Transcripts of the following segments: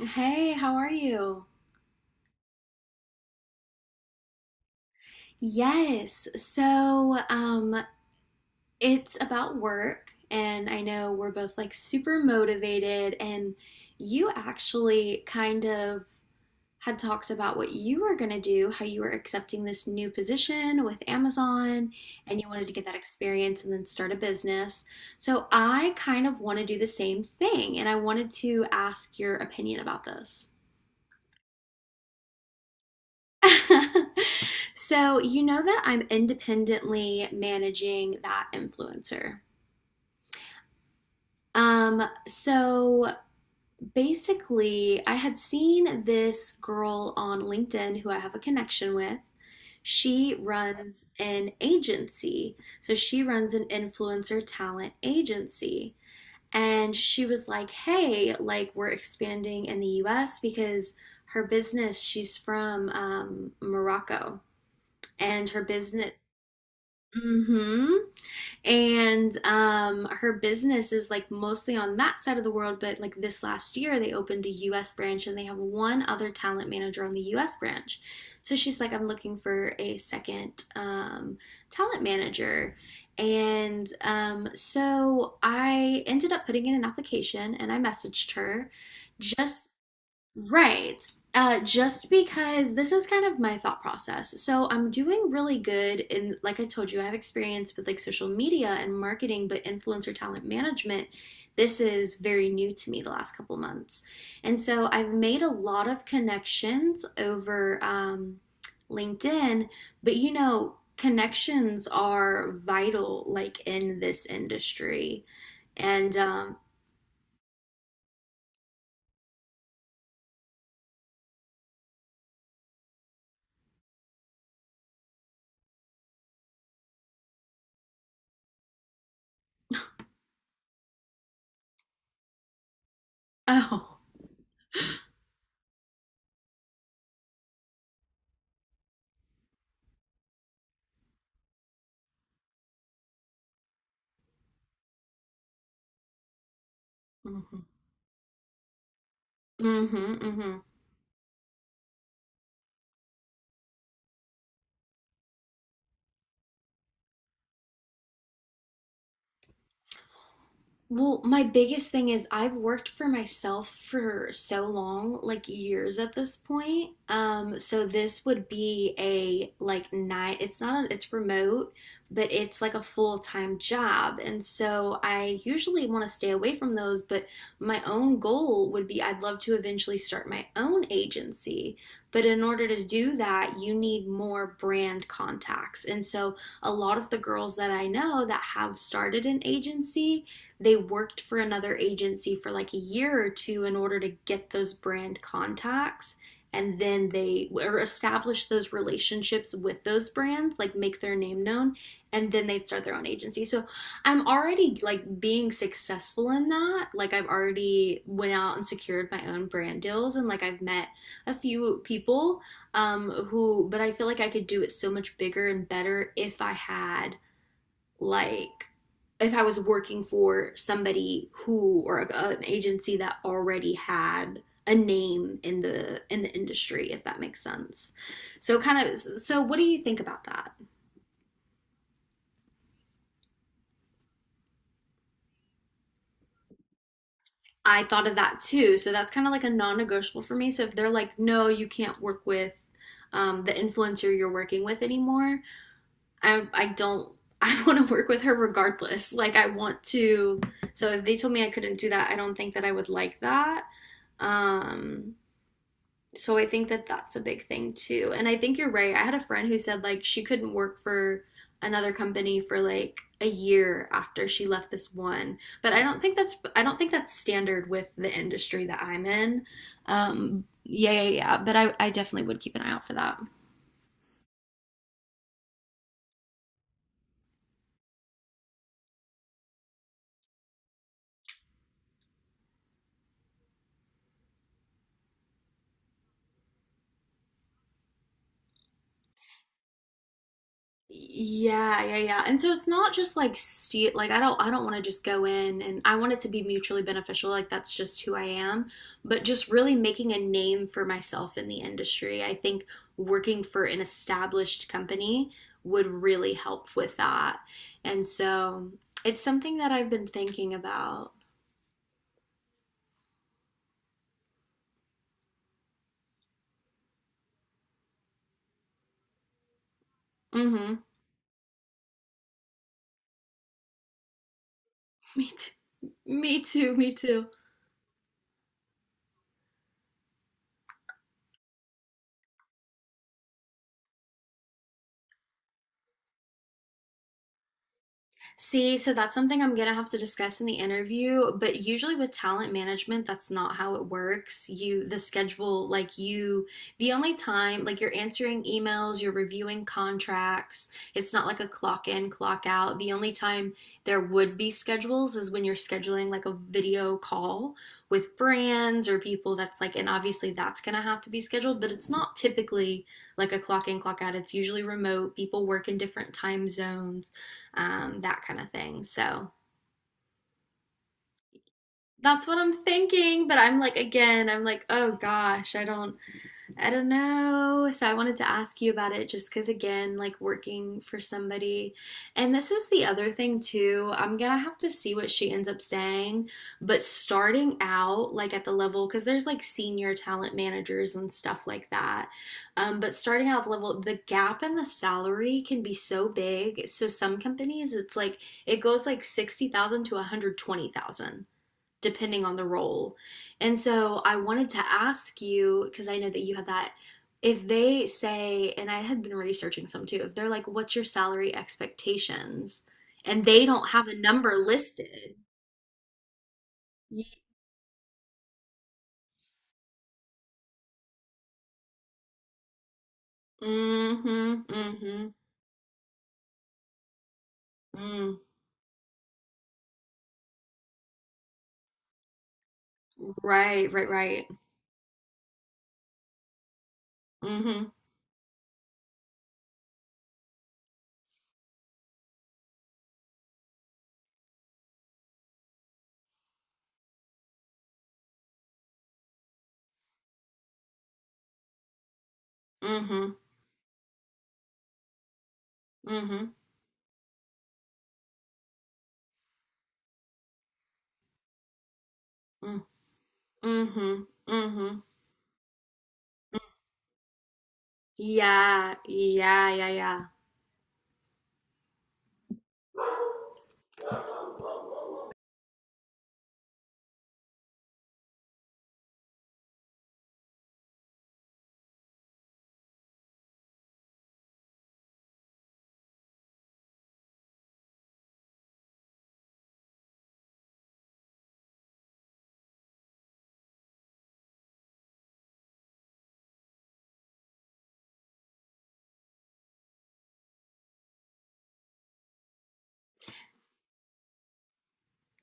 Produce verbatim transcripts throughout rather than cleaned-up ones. Hey, how are you? Yes. So, um, it's about work, and I know we're both like super motivated, and you actually kind of had talked about what you were going to do, how you were accepting this new position with Amazon, and you wanted to get that experience and then start a business. So, I kind of want to do the same thing, and I wanted to ask your opinion about this. so you know that I'm independently managing that influencer. Um, so basically, I had seen this girl on LinkedIn who I have a connection with. She runs an agency. So she runs an influencer talent agency. And she was like, hey, like we're expanding in the U S because her business, she's from um, Morocco. And her business, hmm And um, her business is like mostly on that side of the world, but like this last year, they opened a U S branch and they have one other talent manager on the U S branch. So she's like, I'm looking for a second um, talent manager. And um, so I ended up putting in an application and I messaged her just. Right. Uh, just because this is kind of my thought process. So I'm doing really good in, like I told you, I have experience with like social media and marketing, but influencer talent management, this is very new to me the last couple months. And so I've made a lot of connections over um, LinkedIn, but you know, connections are vital like in this industry. And um, oh, hmm, mm, hmm. Well, my biggest thing is I've worked for myself for so long, like years at this point. Um, so this would be a like night. It's not a, it's remote, but it's like a full-time job. And so I usually want to stay away from those, but my own goal would be I'd love to eventually start my own agency. But in order to do that, you need more brand contacts. And so a lot of the girls that I know that have started an agency, they worked for another agency for like a year or two in order to get those brand contacts, and then they or establish those relationships with those brands, like make their name known, and then they'd start their own agency. So I'm already like being successful in that, like I've already went out and secured my own brand deals, and like I've met a few people, um who, but I feel like I could do it so much bigger and better if I had, like, if I was working for somebody who, or a, an agency that already had a name in the in the industry, if that makes sense. So kind of, so what do you think about that? I thought of that too. So that's kind of like a non-negotiable for me. So if they're like no, you can't work with um, the influencer you're working with anymore, I I don't, I want to work with her regardless. Like I want to. So if they told me I couldn't do that, I don't think that I would like that. Um, so I think that that's a big thing too. And I think you're right. I had a friend who said like she couldn't work for another company for like a year after she left this one. But I don't think that's I don't think that's standard with the industry that I'm in. Um, yeah, yeah, yeah. But I I definitely would keep an eye out for that. Yeah, yeah, yeah. And so it's not just like steal, like I don't I don't want to just go in, and I want it to be mutually beneficial. Like that's just who I am, but just really making a name for myself in the industry. I think working for an established company would really help with that. And so it's something that I've been thinking about. Mhm. Me too. Me too. Me too. See, so that's something I'm gonna have to discuss in the interview, but usually with talent management, that's not how it works. You, the schedule, like you, the only time, like you're answering emails, you're reviewing contracts, it's not like a clock in, clock out. The only time there would be schedules is when you're scheduling like a video call with brands or people that's like, and obviously that's gonna have to be scheduled, but it's not typically like a clock in, clock out. It's usually remote. People work in different time zones, um, that kind of thing. So that's what I'm thinking. But I'm like, again, I'm like, oh gosh, I don't I don't know. So I wanted to ask you about it just because, again, like working for somebody. And this is the other thing, too. I'm gonna have to see what she ends up saying. But starting out, like at the level, because there's like senior talent managers and stuff like that. Um, but starting out level, the gap in the salary can be so big. So some companies, it's like it goes like sixty thousand to one hundred twenty thousand depending on the role. And so I wanted to ask you, because I know that you had that, if they say, and I had been researching some too, if they're like, what's your salary expectations? And they don't have a number listed. Mm-hmm, mm-hmm, mm. Right, right, right. Mm-hmm, mm-hmm, mm-hmm, mm, mm-hmm, mm-hmm. Yeah, yeah, yeah, yeah.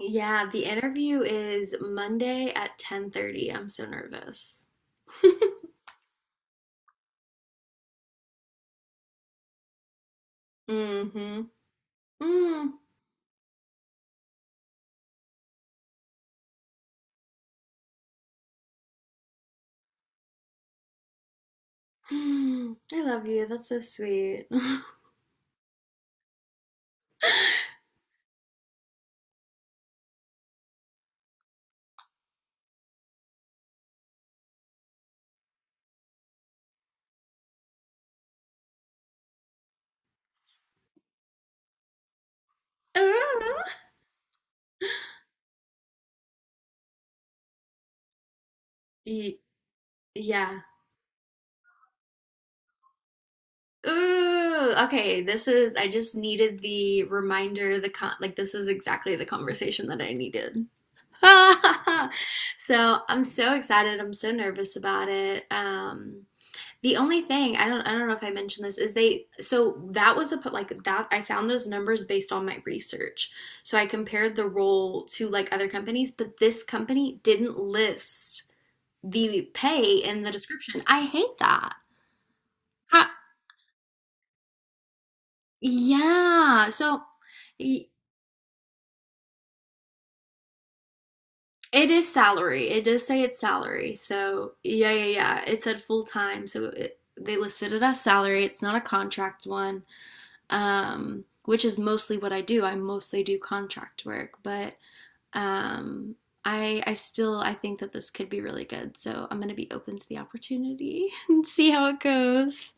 Yeah, the interview is Monday at ten thirty. I'm so nervous. Mhm. Mm. I love you. That's so sweet. Ooh. Y- Yeah. Ooh, okay. This is, I just needed the reminder, the con like this is exactly the conversation that I needed. So I'm so excited. I'm so nervous about it. Um, The only thing I don't I don't know if I mentioned this is they, so that was a like that I found those numbers based on my research. So I compared the role to like other companies, but this company didn't list the pay in the description. I hate that. Ha- yeah. So it is salary. It does say it's salary. So yeah, yeah, yeah. It said full time. So it, they listed it as salary. It's not a contract one. Um, which is mostly what I do. I mostly do contract work, but um, I I still I think that this could be really good. So I'm gonna be open to the opportunity and see how it goes.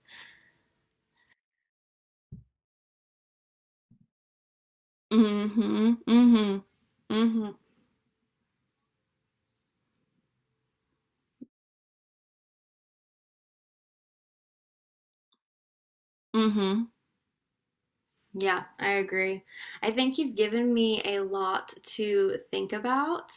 Mm-hmm. Mm-hmm. Mm-hmm. Mm-hmm. Yeah, I agree. I think you've given me a lot to think about,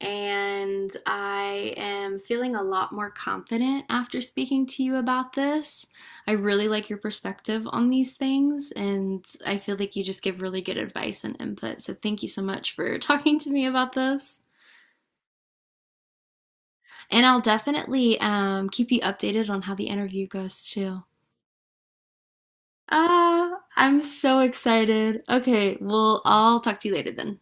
and I am feeling a lot more confident after speaking to you about this. I really like your perspective on these things, and I feel like you just give really good advice and input. So thank you so much for talking to me about this. And I'll definitely um, keep you updated on how the interview goes too. Ah, I'm so excited. Okay, well, I'll talk to you later then.